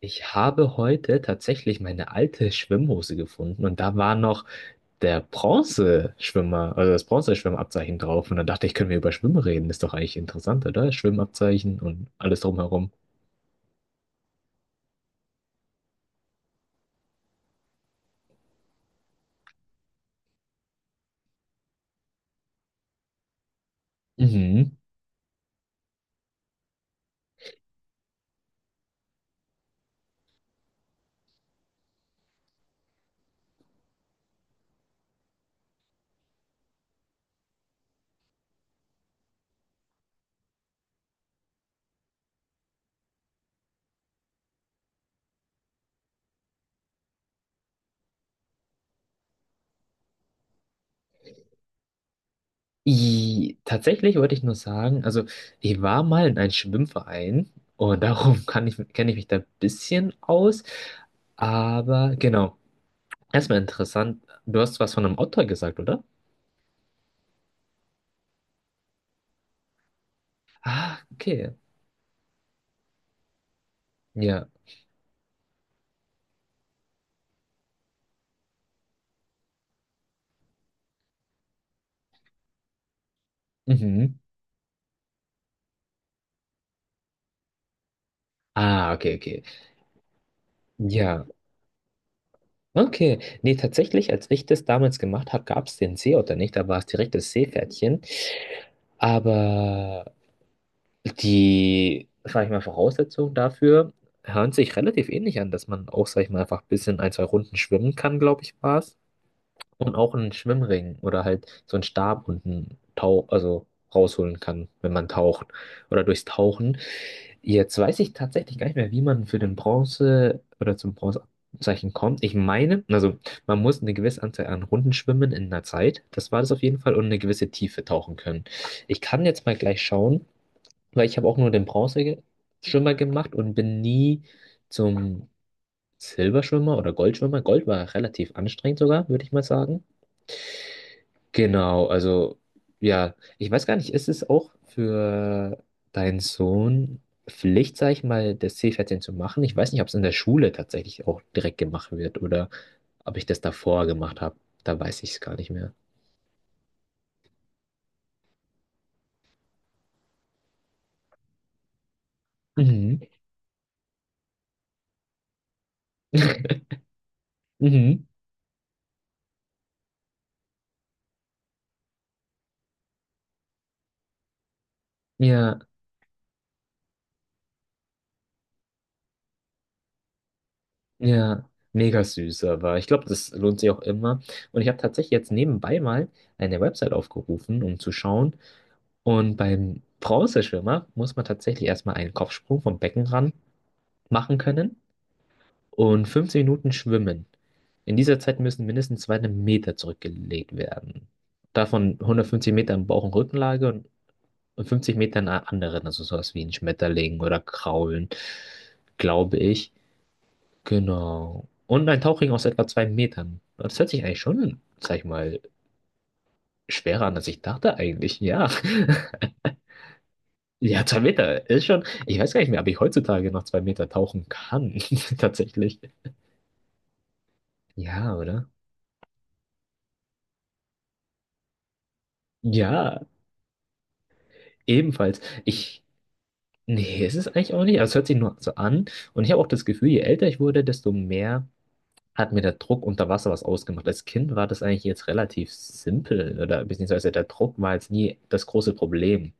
Ich habe heute tatsächlich meine alte Schwimmhose gefunden und da war noch der Bronzeschwimmer, also das Bronzeschwimmabzeichen drauf. Und dann dachte ich, können wir über Schwimmen reden? Ist doch eigentlich interessant, oder? Schwimmabzeichen und alles drumherum. Mhm. Tatsächlich wollte ich nur sagen, also ich war mal in einem Schwimmverein und darum kenne ich mich da ein bisschen aus. Aber genau, erstmal interessant, du hast was von einem Otter gesagt, oder? Ah, okay. Ja. Mhm. Ah, okay, okay. Ja, okay. Nee, tatsächlich, als ich das damals gemacht habe, gab es den Seeotter nicht. Da war es direkt das Seepferdchen. Aber die, sag ich mal, Voraussetzungen dafür hören sich relativ ähnlich an, dass man auch, sag ich mal, einfach ein bisschen ein, zwei Runden schwimmen kann, glaube ich, war es. Und auch einen Schwimmring oder halt so einen Stab und also rausholen kann, wenn man taucht. Oder durchs Tauchen. Jetzt weiß ich tatsächlich gar nicht mehr, wie man für den Bronze oder zum Bronzezeichen kommt. Ich meine, also man muss eine gewisse Anzahl an Runden schwimmen in einer Zeit. Das war das auf jeden Fall und eine gewisse Tiefe tauchen können. Ich kann jetzt mal gleich schauen, weil ich habe auch nur den Bronzeschwimmer gemacht und bin nie zum Silberschwimmer oder Goldschwimmer. Gold war relativ anstrengend sogar, würde ich mal sagen. Genau, also ja, ich weiß gar nicht, ist es auch für deinen Sohn Pflicht, sag ich mal, das Seepferdchen zu machen? Ich weiß nicht, ob es in der Schule tatsächlich auch direkt gemacht wird oder ob ich das davor gemacht habe. Da weiß ich es gar nicht mehr. Mhm. Mhm. Ja, ja, mega süß, aber ich glaube, das lohnt sich auch immer. Und ich habe tatsächlich jetzt nebenbei mal eine Website aufgerufen, um zu schauen. Und beim Bronzeschwimmer muss man tatsächlich erstmal einen Kopfsprung vom Becken ran machen können und 15 Minuten schwimmen. In dieser Zeit müssen mindestens 2 Meter zurückgelegt werden. Davon 150 Meter in Bauch- und Rückenlage und 50 Meter in einer anderen, also sowas wie ein Schmetterling oder Kraulen, glaube ich. Genau. Und ein Tauchring aus etwa 2 Metern. Das hört sich eigentlich schon, sag ich mal, schwerer an, als ich dachte eigentlich. Ja. Ja, 2 Meter ist schon. Ich weiß gar nicht mehr, ob ich heutzutage noch 2 Meter tauchen kann. Tatsächlich. Ja, oder? Ja. Ebenfalls. Ich. Nee, ist es eigentlich auch nicht. Also es hört sich nur so an. Und ich habe auch das Gefühl, je älter ich wurde, desto mehr hat mir der Druck unter Wasser was ausgemacht. Als Kind war das eigentlich jetzt relativ simpel. Oder beziehungsweise der Druck war jetzt nie das große Problem.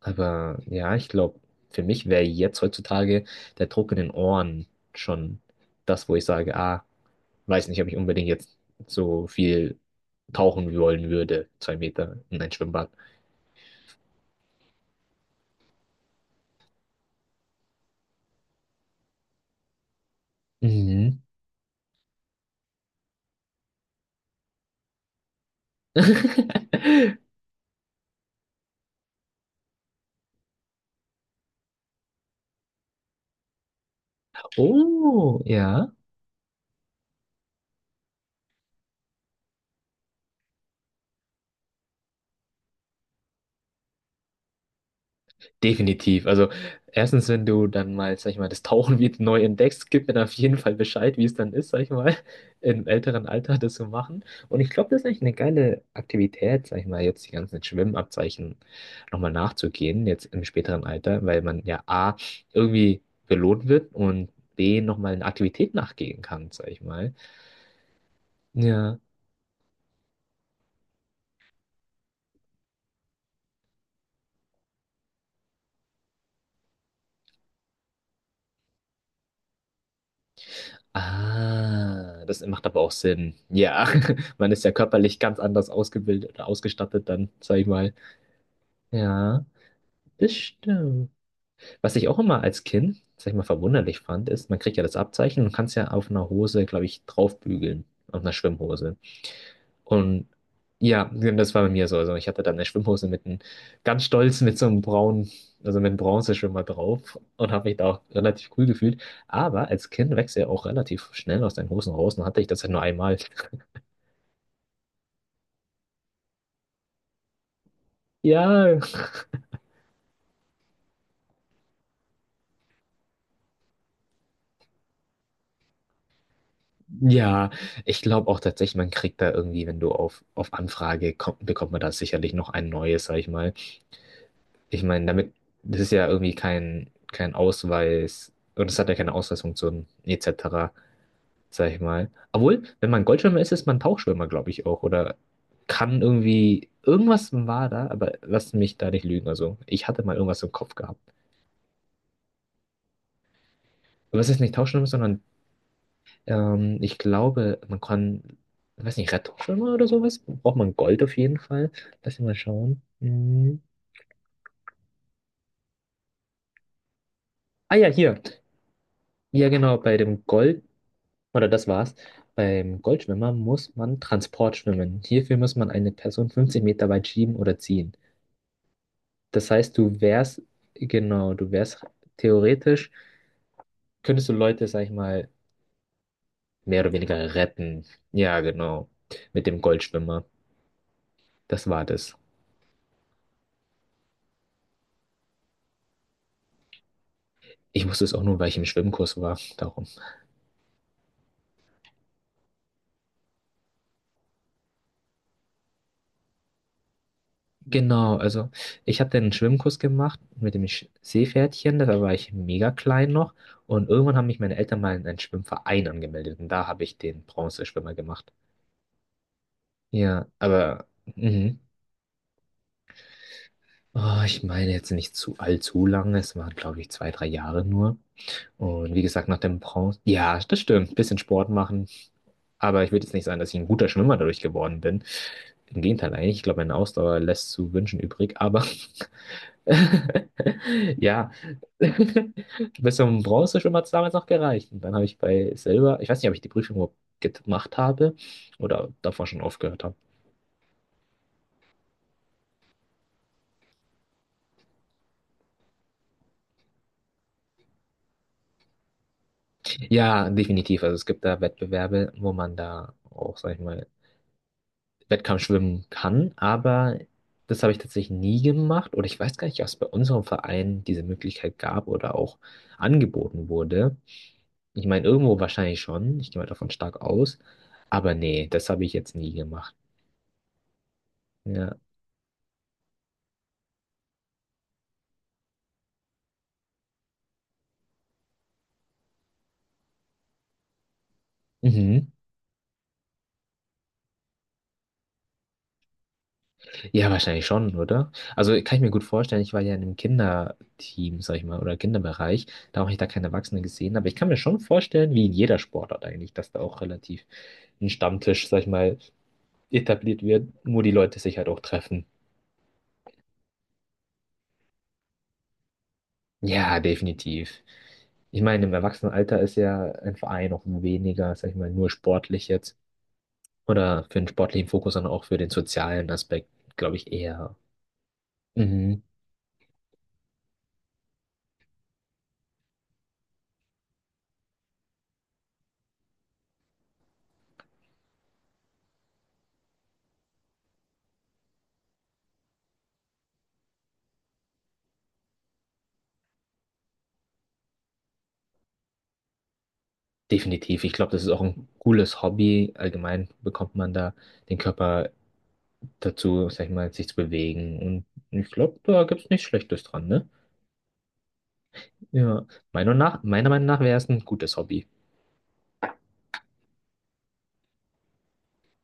Aber ja, ich glaube, für mich wäre jetzt heutzutage der Druck in den Ohren schon das, wo ich sage, ah, weiß nicht, ob ich unbedingt jetzt so viel tauchen wollen würde. Zwei Meter in ein Schwimmbad. Mhm. Oh, ja, definitiv. Also erstens, wenn du dann mal, sag ich mal, das Tauchen wieder neu entdeckst, gib mir dann auf jeden Fall Bescheid, wie es dann ist, sag ich mal, im älteren Alter das zu machen. Und ich glaube, das ist eigentlich eine geile Aktivität, sag ich mal, jetzt die ganzen Schwimmabzeichen nochmal nachzugehen, jetzt im späteren Alter, weil man ja A, irgendwie belohnt wird und B, nochmal eine Aktivität nachgehen kann, sag ich mal. Ja. Ah, das macht aber auch Sinn. Ja, man ist ja körperlich ganz anders ausgebildet oder ausgestattet dann, sag ich mal. Ja, das stimmt. Was ich auch immer als Kind, sag ich mal, verwunderlich fand, ist, man kriegt ja das Abzeichen und kann es ja auf einer Hose, glaube ich, draufbügeln, auf einer Schwimmhose. Und ja, das war bei mir so. Also ich hatte dann eine Schwimmhose mit einem, ganz stolz mit so einem braunen, also mit einem Bronzeschwimmer drauf und habe mich da auch relativ cool gefühlt. Aber als Kind wächst ja auch relativ schnell aus deinen Hosen raus und hatte ich das ja nur einmal. Ja, ja, ich glaube auch tatsächlich, man kriegt da irgendwie, wenn du auf Anfrage kommt, bekommt man da sicherlich noch ein neues, sag ich mal. Ich meine, das ist ja irgendwie kein Ausweis und es hat ja keine Ausweisfunktion etc., sag ich mal. Obwohl, wenn man Goldschwimmer ist, ist man Tauchschwimmer, glaube ich auch. Oder kann irgendwie, irgendwas war da, aber lass mich da nicht lügen. Also, ich hatte mal irgendwas im Kopf gehabt. Aber es ist nicht Tauchschwimmer, sondern ich glaube, man kann, ich weiß nicht, Rettungsschwimmer oder sowas. Braucht man Gold auf jeden Fall. Lass mich mal schauen. Hm. Ah ja, hier. Ja, genau, bei dem Gold, oder das war's. Beim Goldschwimmer muss man Transport schwimmen. Hierfür muss man eine Person 50 Meter weit schieben oder ziehen. Das heißt, du wärst, genau, du wärst theoretisch, könntest du Leute, sag ich mal, mehr oder weniger retten. Ja, genau. Mit dem Goldschwimmer. Das war das. Ich wusste es auch nur, weil ich im Schwimmkurs war. Darum. Genau, also ich habe dann einen Schwimmkurs gemacht mit dem Seepferdchen. Da war ich mega klein noch. Und irgendwann haben mich meine Eltern mal in einen Schwimmverein angemeldet. Und da habe ich den Bronzeschwimmer gemacht. Ja, aber. Mhm. Oh, ich meine jetzt nicht zu allzu lange. Es waren, glaube ich, zwei, drei Jahre nur. Und wie gesagt, nach dem Bronze. Ja, das stimmt. Ein Bisschen Sport machen. Aber ich würde jetzt nicht sagen, dass ich ein guter Schwimmer dadurch geworden bin. Im Gegenteil, eigentlich. Ich glaube, meine Ausdauer lässt zu wünschen übrig. Aber ja, bis zum Bronzeschwimmer hat es damals noch gereicht. Und dann habe ich bei Silber, ich weiß nicht, ob ich die Prüfung überhaupt gemacht habe oder davor schon aufgehört habe. Ja, definitiv. Also es gibt da Wettbewerbe, wo man da auch, sag ich mal, Wettkampfschwimmen kann, aber das habe ich tatsächlich nie gemacht oder ich weiß gar nicht, ob es bei unserem Verein diese Möglichkeit gab oder auch angeboten wurde. Ich meine, irgendwo wahrscheinlich schon, ich gehe mal davon stark aus, aber nee, das habe ich jetzt nie gemacht. Ja. Mhm. Ja, wahrscheinlich schon, oder? Also kann ich mir gut vorstellen, ich war ja in einem Kinderteam, sag ich mal, oder Kinderbereich, da habe ich da keine Erwachsenen gesehen, aber ich kann mir schon vorstellen, wie in jeder Sportart eigentlich, dass da auch relativ ein Stammtisch, sag ich mal, etabliert wird, nur die Leute sich halt auch treffen. Ja, definitiv. Ich meine, im Erwachsenenalter ist ja ein Verein auch weniger, sag ich mal, nur sportlich jetzt. Oder für den sportlichen Fokus, sondern auch für den sozialen Aspekt, glaube ich, eher. Mhm. Definitiv. Ich glaube, das ist auch ein cooles Hobby. Allgemein bekommt man da den Körper dazu, sag ich mal, sich zu bewegen. Und ich glaube, da gibt es nichts Schlechtes dran, ne? Ja. Meiner Meinung nach wäre es ein gutes Hobby.